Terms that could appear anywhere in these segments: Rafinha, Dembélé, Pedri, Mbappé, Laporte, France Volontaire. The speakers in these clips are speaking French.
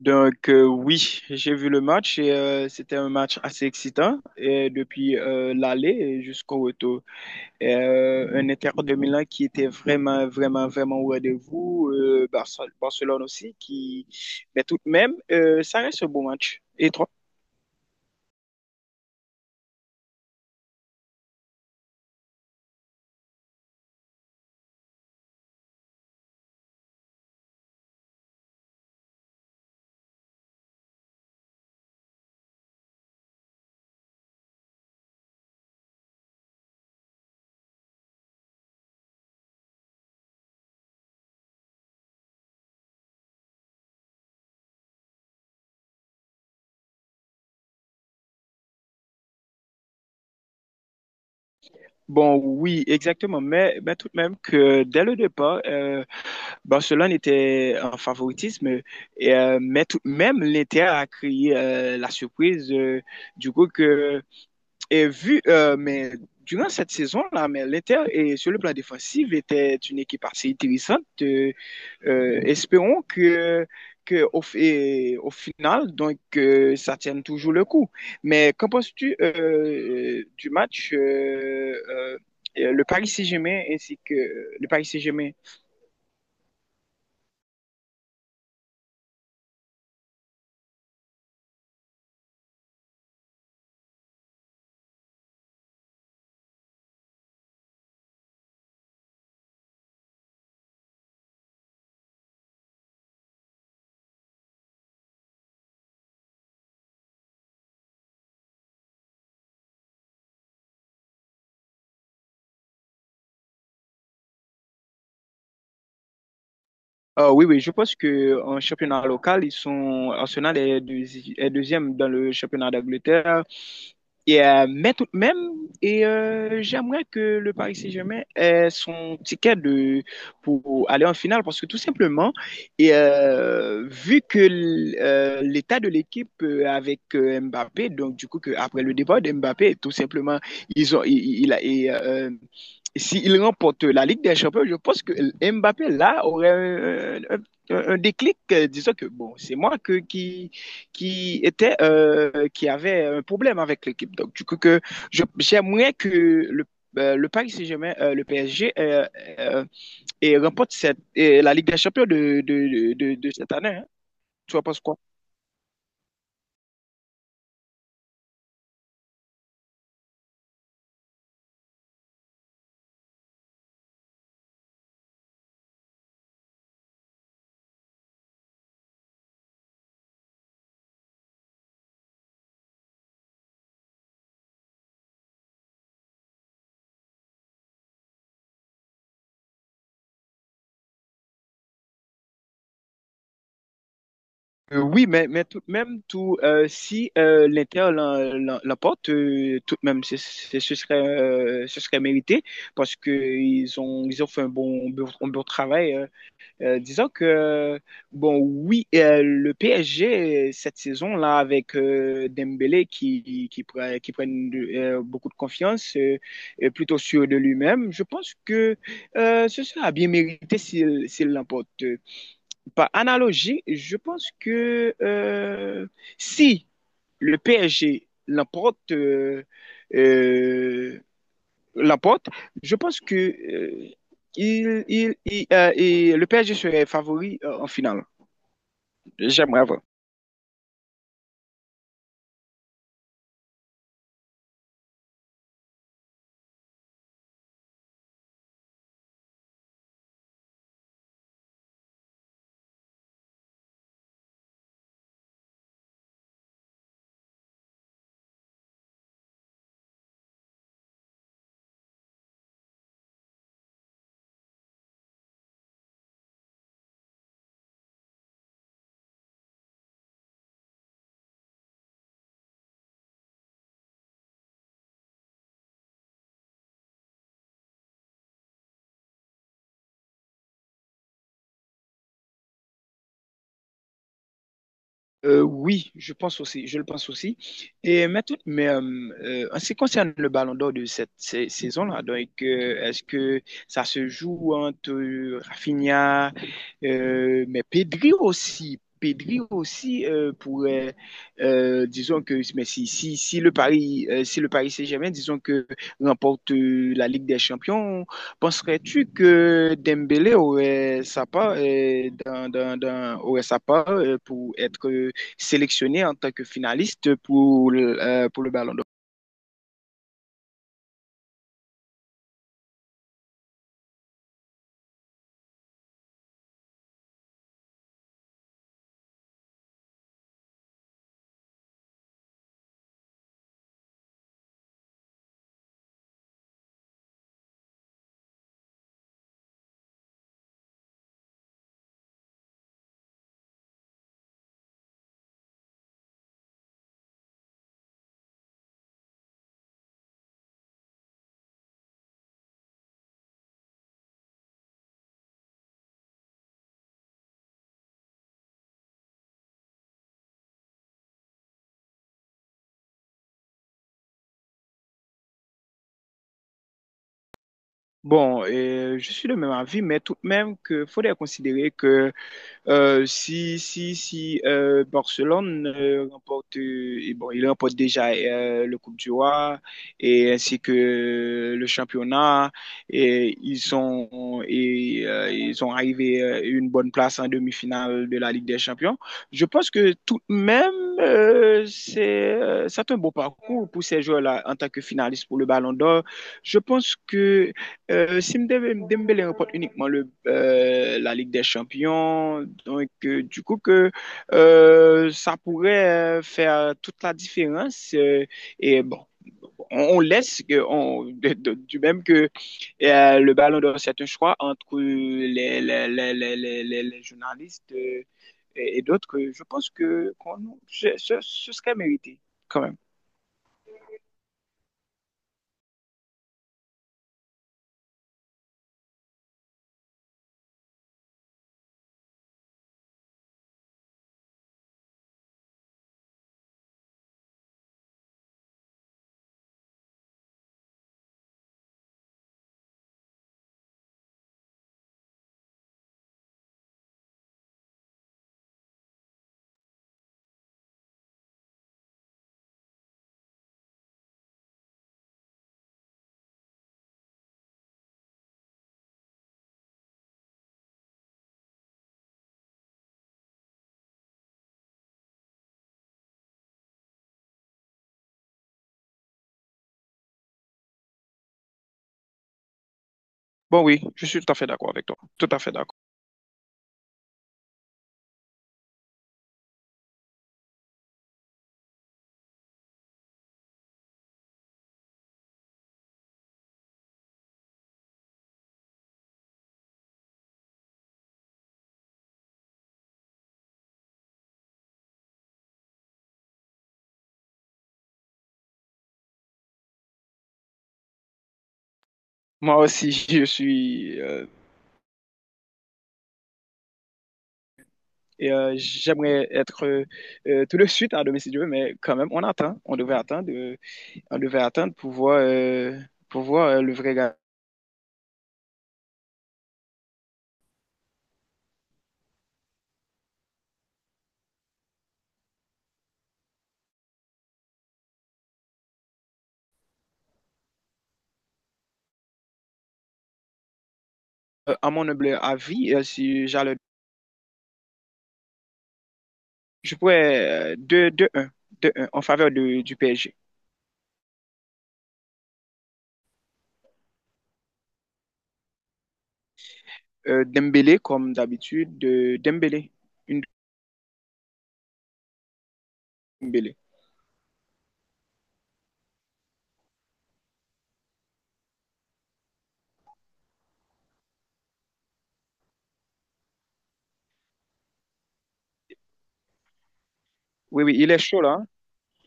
Oui, j'ai vu le match et c'était un match assez excitant et depuis l'aller jusqu'au retour. Et, un Inter de Milan qui était vraiment, vraiment, vraiment au rendez-vous, Barcelone aussi, qui... mais tout de même, ça reste un bon match. Et toi? Bon, oui, exactement, mais tout de même que dès le départ, Barcelone était en favoritisme, et, mais tout de même, l'Inter a créé la surprise. Du coup, que et vu, mais durant cette saison-là, mais l'Inter, et sur le plan défensif, était une équipe assez intéressante. Espérons que au, et au final, ça tienne toujours le coup. Mais qu'en penses-tu du match le Paris Saint-Germain ainsi que le Paris Saint-Germain? Ah oui, oui, je pense que en championnat local, ils sont Arsenal est deuxième dans le championnat d'Angleterre. Et, mais tout de même, et j'aimerais que le Paris Saint-Germain ait son ticket de, pour aller en finale parce que tout simplement, et, vu que l'état de l'équipe avec Mbappé, donc du coup, que après le départ de Mbappé, tout simplement, ils ont, il a, et, s'il remporte la Ligue des Champions, je pense que Mbappé là aurait un, un déclic, disant que bon, c'est moi qui était qui avait un problème avec l'équipe. Donc du coup que j'aimerais que le Paris Saint-Germain, le PSG, euh, remporte cette, et la Ligue des Champions cette année, hein. Tu vois, penses quoi? Oui, mais tout de même, si l'Inter l'emporte, tout de même, ce serait mérité parce qu'ils ont, ils ont fait un bon travail. Disons que, bon, oui, le PSG, cette saison-là, avec Dembélé qui prennent beaucoup de confiance, est plutôt sûr de lui-même, je pense que ce sera bien mérité s'il l'emporte. Par analogie, je pense que si le PSG l'emporte, euh, Laporte, je pense que il, et le PSG serait favori en finale. J'aimerais voir. Oui, je pense aussi, je le pense aussi. Et mais, tout- mais euh, En ce qui concerne le Ballon d'Or de cette saison-là, est-ce que ça se joue entre Rafinha, mais Pedri aussi pourrait, disons que, mais si le Paris, si le Paris Saint-Germain, disons que remporte la Ligue des Champions, penserais-tu que Dembélé aurait sa part aurait sa part pour être sélectionné en tant que finaliste pour le Ballon d'Or. Bon, je suis de même avis, mais tout de même qu'il faudrait considérer que si Barcelone remporte, et bon, il remporte déjà le Coupe du Roi et ainsi que le championnat, ils sont arrivés une bonne place en demi-finale de la Ligue des Champions. Je pense que tout de même, c'est un beau parcours pour ces joueurs-là en tant que finalistes pour le Ballon d'Or. Je pense que si Dembélé remporte uniquement la Ligue des Champions, du coup que ça pourrait faire toute la différence. Et bon, on laisse que du même que le Ballon d'Or c'est un choix entre les journalistes et d'autres. Je pense que ce serait mérité quand même. Bon oui, je suis tout à fait d'accord avec toi. Tout à fait d'accord. Moi aussi, je suis et j'aimerais être tout de suite à demain si Dieu veut, mais quand même, on attend. On devait attendre. On devait attendre pour voir le vrai gars. À mon humble avis, si j'allais, je pourrais deux un deux un en faveur du PSG. Dembélé, comme d'habitude, de Dembélé. Une Dembélé. Oui, oui, il est chaud là.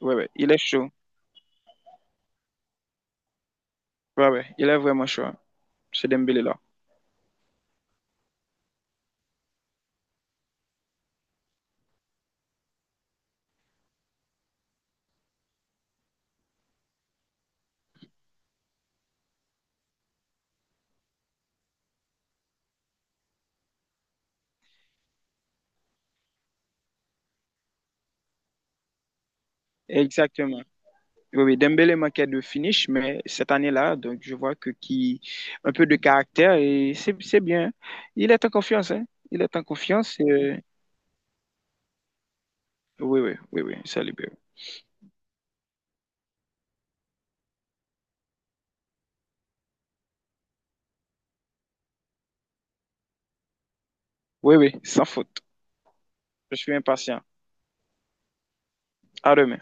Oui, oui, il est chaud. Oui, oui, il est vraiment chaud. C'est Dembélé là. Exactement. Oui, oui, Dembélé manquait de finish, mais cette année-là, donc je vois que qui un peu de caractère et c'est bien. Il est en confiance, hein. Il est en confiance. Oui, oui, oui, oui, ça libère. Oui, oui, sans faute. Je suis impatient. À demain.